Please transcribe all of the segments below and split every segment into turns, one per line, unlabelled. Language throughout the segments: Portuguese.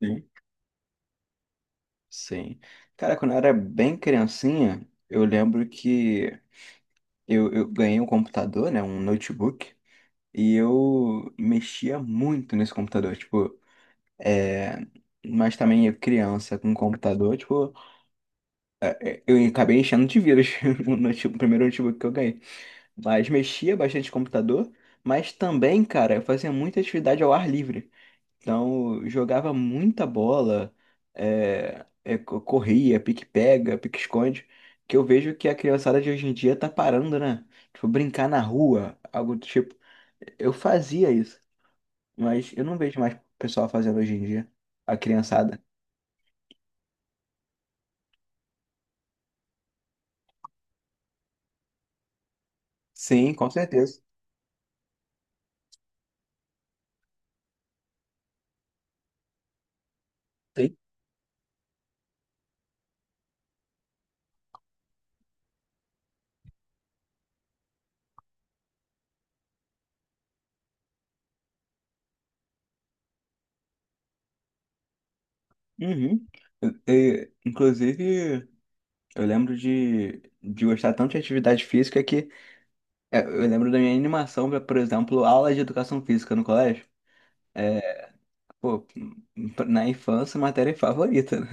Sim. Sim. Cara, quando eu era bem criancinha, eu lembro que eu ganhei um computador, né? Um notebook. E eu mexia muito nesse computador. Tipo, é... mas também eu criança com computador, tipo, eu acabei enchendo de vírus no primeiro notebook que eu ganhei. Mas mexia bastante no computador, mas também, cara, eu fazia muita atividade ao ar livre. Então, eu jogava muita bola, corria, pique-pega, pique-esconde, que eu vejo que a criançada de hoje em dia tá parando, né? Tipo, brincar na rua, algo do tipo. Eu fazia isso, mas eu não vejo mais o pessoal fazendo hoje em dia, a criançada. Sim, com certeza. Sim. Uhum. Inclusive, eu lembro de, gostar tanto de atividade física que eu lembro da minha animação pra, por exemplo, aula de educação física no colégio. Pô, na infância, matéria favorita, né?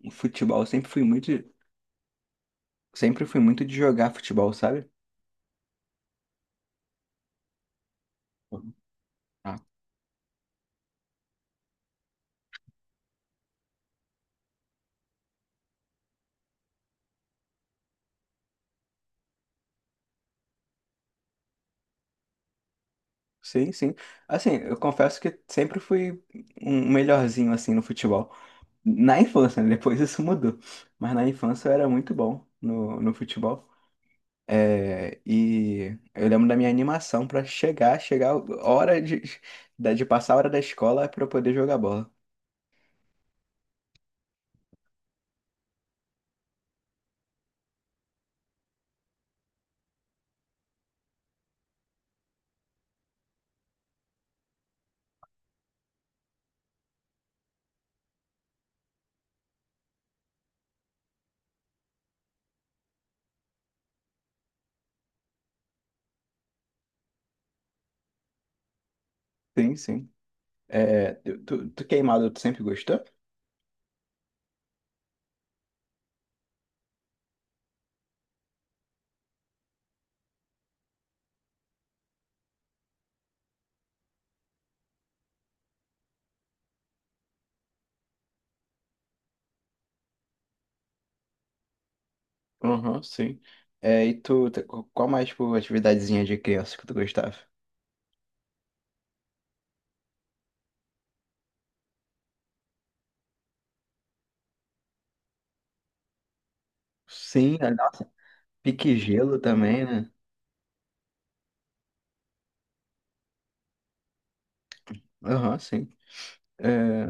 Futebol, eu sempre fui muito de jogar futebol, sabe? Ah, sim, sim. Assim, eu confesso que sempre fui um melhorzinho assim no futebol. Na infância, né? Depois isso mudou. Mas na infância eu era muito bom no futebol. É, e eu lembro da minha animação pra chegar a hora de, de passar a hora da escola pra eu poder jogar bola. Sim, sim. É, tu queimado, tu sempre gostou? Aham, sim. É, e qual mais, tipo, atividadezinha de criança que tu gostava? Sim, é, nossa, pique-gelo também, né? Aham, sim. É,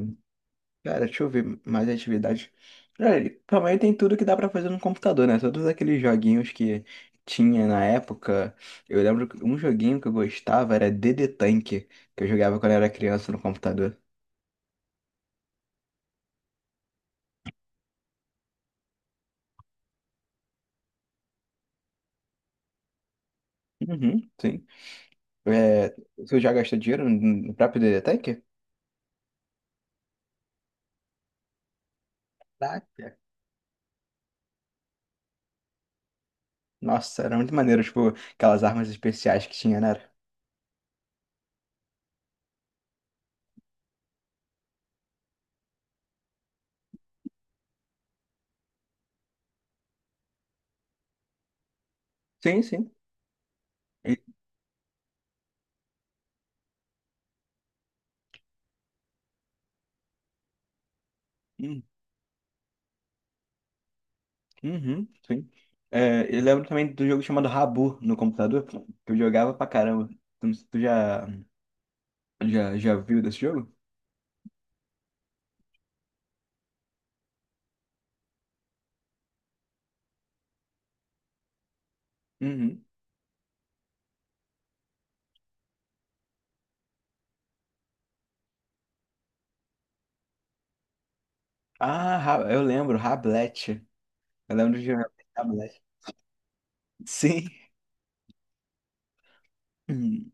Cara, deixa eu ver mais atividades. Olha, ele também tem tudo que dá pra fazer no computador, né? Todos aqueles joguinhos que tinha na época. Eu lembro que um joguinho que eu gostava era D D Tank, que eu jogava quando eu era criança no computador. Uhum, sim. É, Você já gastou dinheiro no no próprio D D Tank? Caraca. Nossa, era muito maneiro, tipo, aquelas armas especiais que tinha, né? Sim, sim. E- hum. Uhum, sim. É, eu lembro também do jogo chamado Rabu no computador, que eu jogava pra caramba. Tu não- tu já, já, já viu desse jogo? Uhum. Eu lembro, Rablette. Eu lembro de jogar Rablette. Sim. Uhum.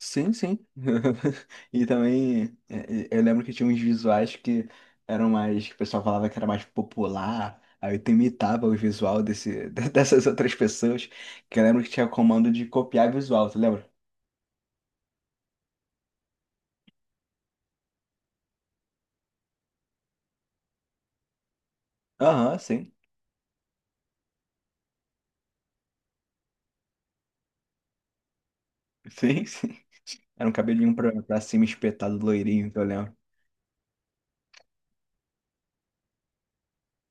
Sim, sim. E também eu lembro que tinha uns visuais que eram mais, que o pessoal falava que era mais popular. Aí tu imitava dessas outras pessoas. Que eu lembro que tinha comando de copiar visual, tu lembra? Aham, sim. Sim, sim. Era um cabelinho pra cima espetado, loirinho, que eu lembro.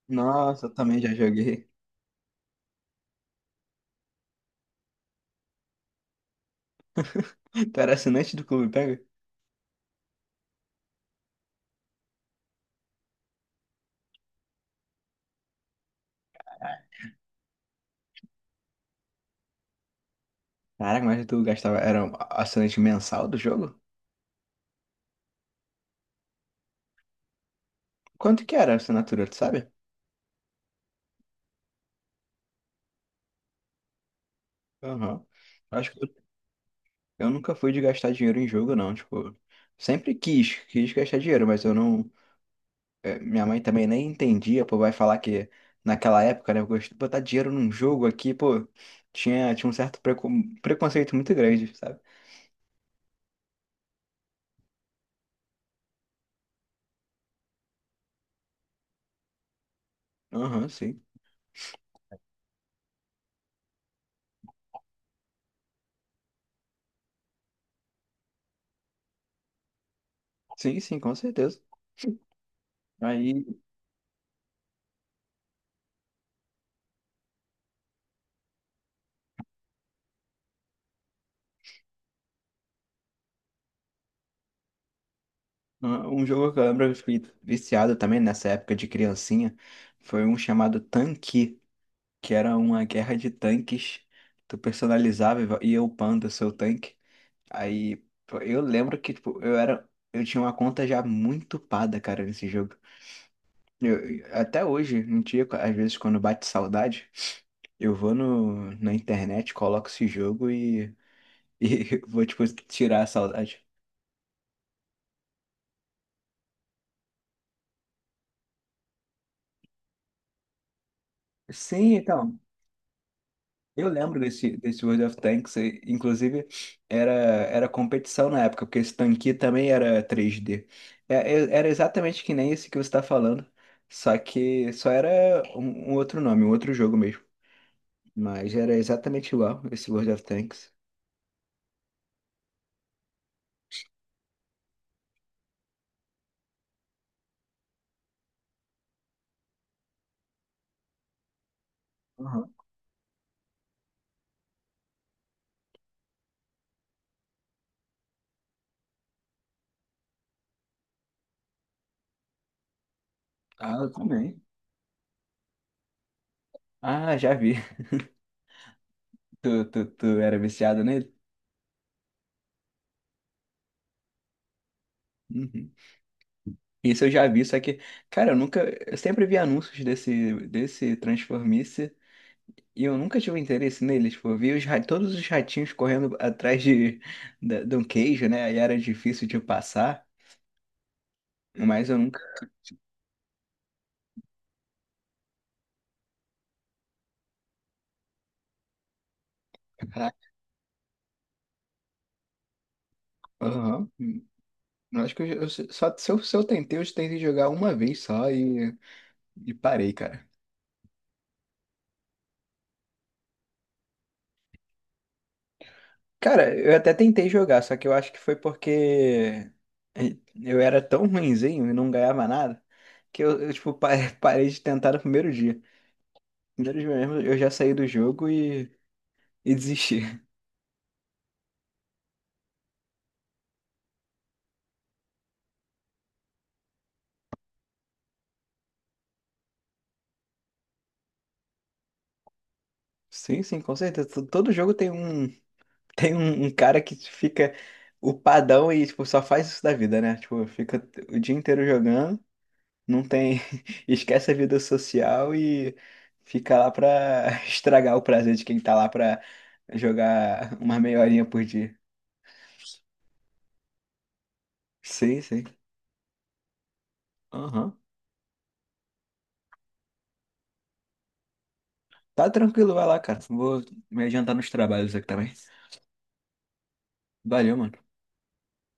Nossa, eu também já joguei. Tu era assinante do Clube Pega? Caraca, mas tu gastava. Era um assinante mensal do jogo? Quanto que era a assinatura, tu sabe? Aham. Acho que eu nunca fui de gastar dinheiro em jogo, não. Tipo, sempre quis gastar dinheiro, mas eu não. Minha mãe também nem entendia, pô, vai falar que naquela época, né, eu gostei de botar dinheiro num jogo aqui, pô, tinha um certo preconceito muito grande, sabe? Aham, sim. Sim, sim, com certeza. Aí, Um jogo que eu lembro que eu fiquei viciado também nessa época de criancinha foi um chamado Tanque, que era uma guerra de tanques. Tu personalizava e ia upando o seu tanque. Aí, pô, eu lembro que, tipo, eu tinha uma conta já muito upada, cara, nesse jogo. Até hoje, um dia, às vezes, quando bate saudade, eu vou no, na internet, coloco esse jogo e, e vou, tipo, tirar a saudade. Sim, então. Eu lembro desse World of Tanks, e, inclusive era competição na época, porque esse tanque também era 3D. Era exatamente que nem esse que você está falando, só que só era um outro nome, um outro jogo mesmo. Mas era exatamente igual esse World of Tanks. Uhum. Ah, eu também. Ah, já vi. Tu era viciado nele? Uhum. Isso eu já vi, só que, cara, eu nunca. Eu sempre vi anúncios desse Transformice. E eu nunca tive interesse nele, tipo, eu vi todos os ratinhos correndo atrás de um queijo, né? Aí era difícil de passar, mas eu nunca. Caraca. Aham. Eu acho que eu só se eu, se eu tentei, jogar uma vez só e parei, cara. Cara, eu até tentei jogar, só que eu acho que foi porque é, eu era tão ruinzinho e não ganhava nada que tipo, parei de tentar no primeiro dia. No primeiro dia mesmo, eu já saí do jogo e desisti. Sim, sim, com certeza. Todo jogo tem um tem um cara que fica o padrão e tipo só faz isso da vida, né? Tipo, fica o dia inteiro jogando, não tem esquece a vida social e fica lá pra estragar o prazer de quem tá lá pra jogar uma meia horinha por dia. Sim, sim. Aham. Tá tranquilo, vai lá, cara. Vou me adiantar nos trabalhos aqui também. Valeu, mano.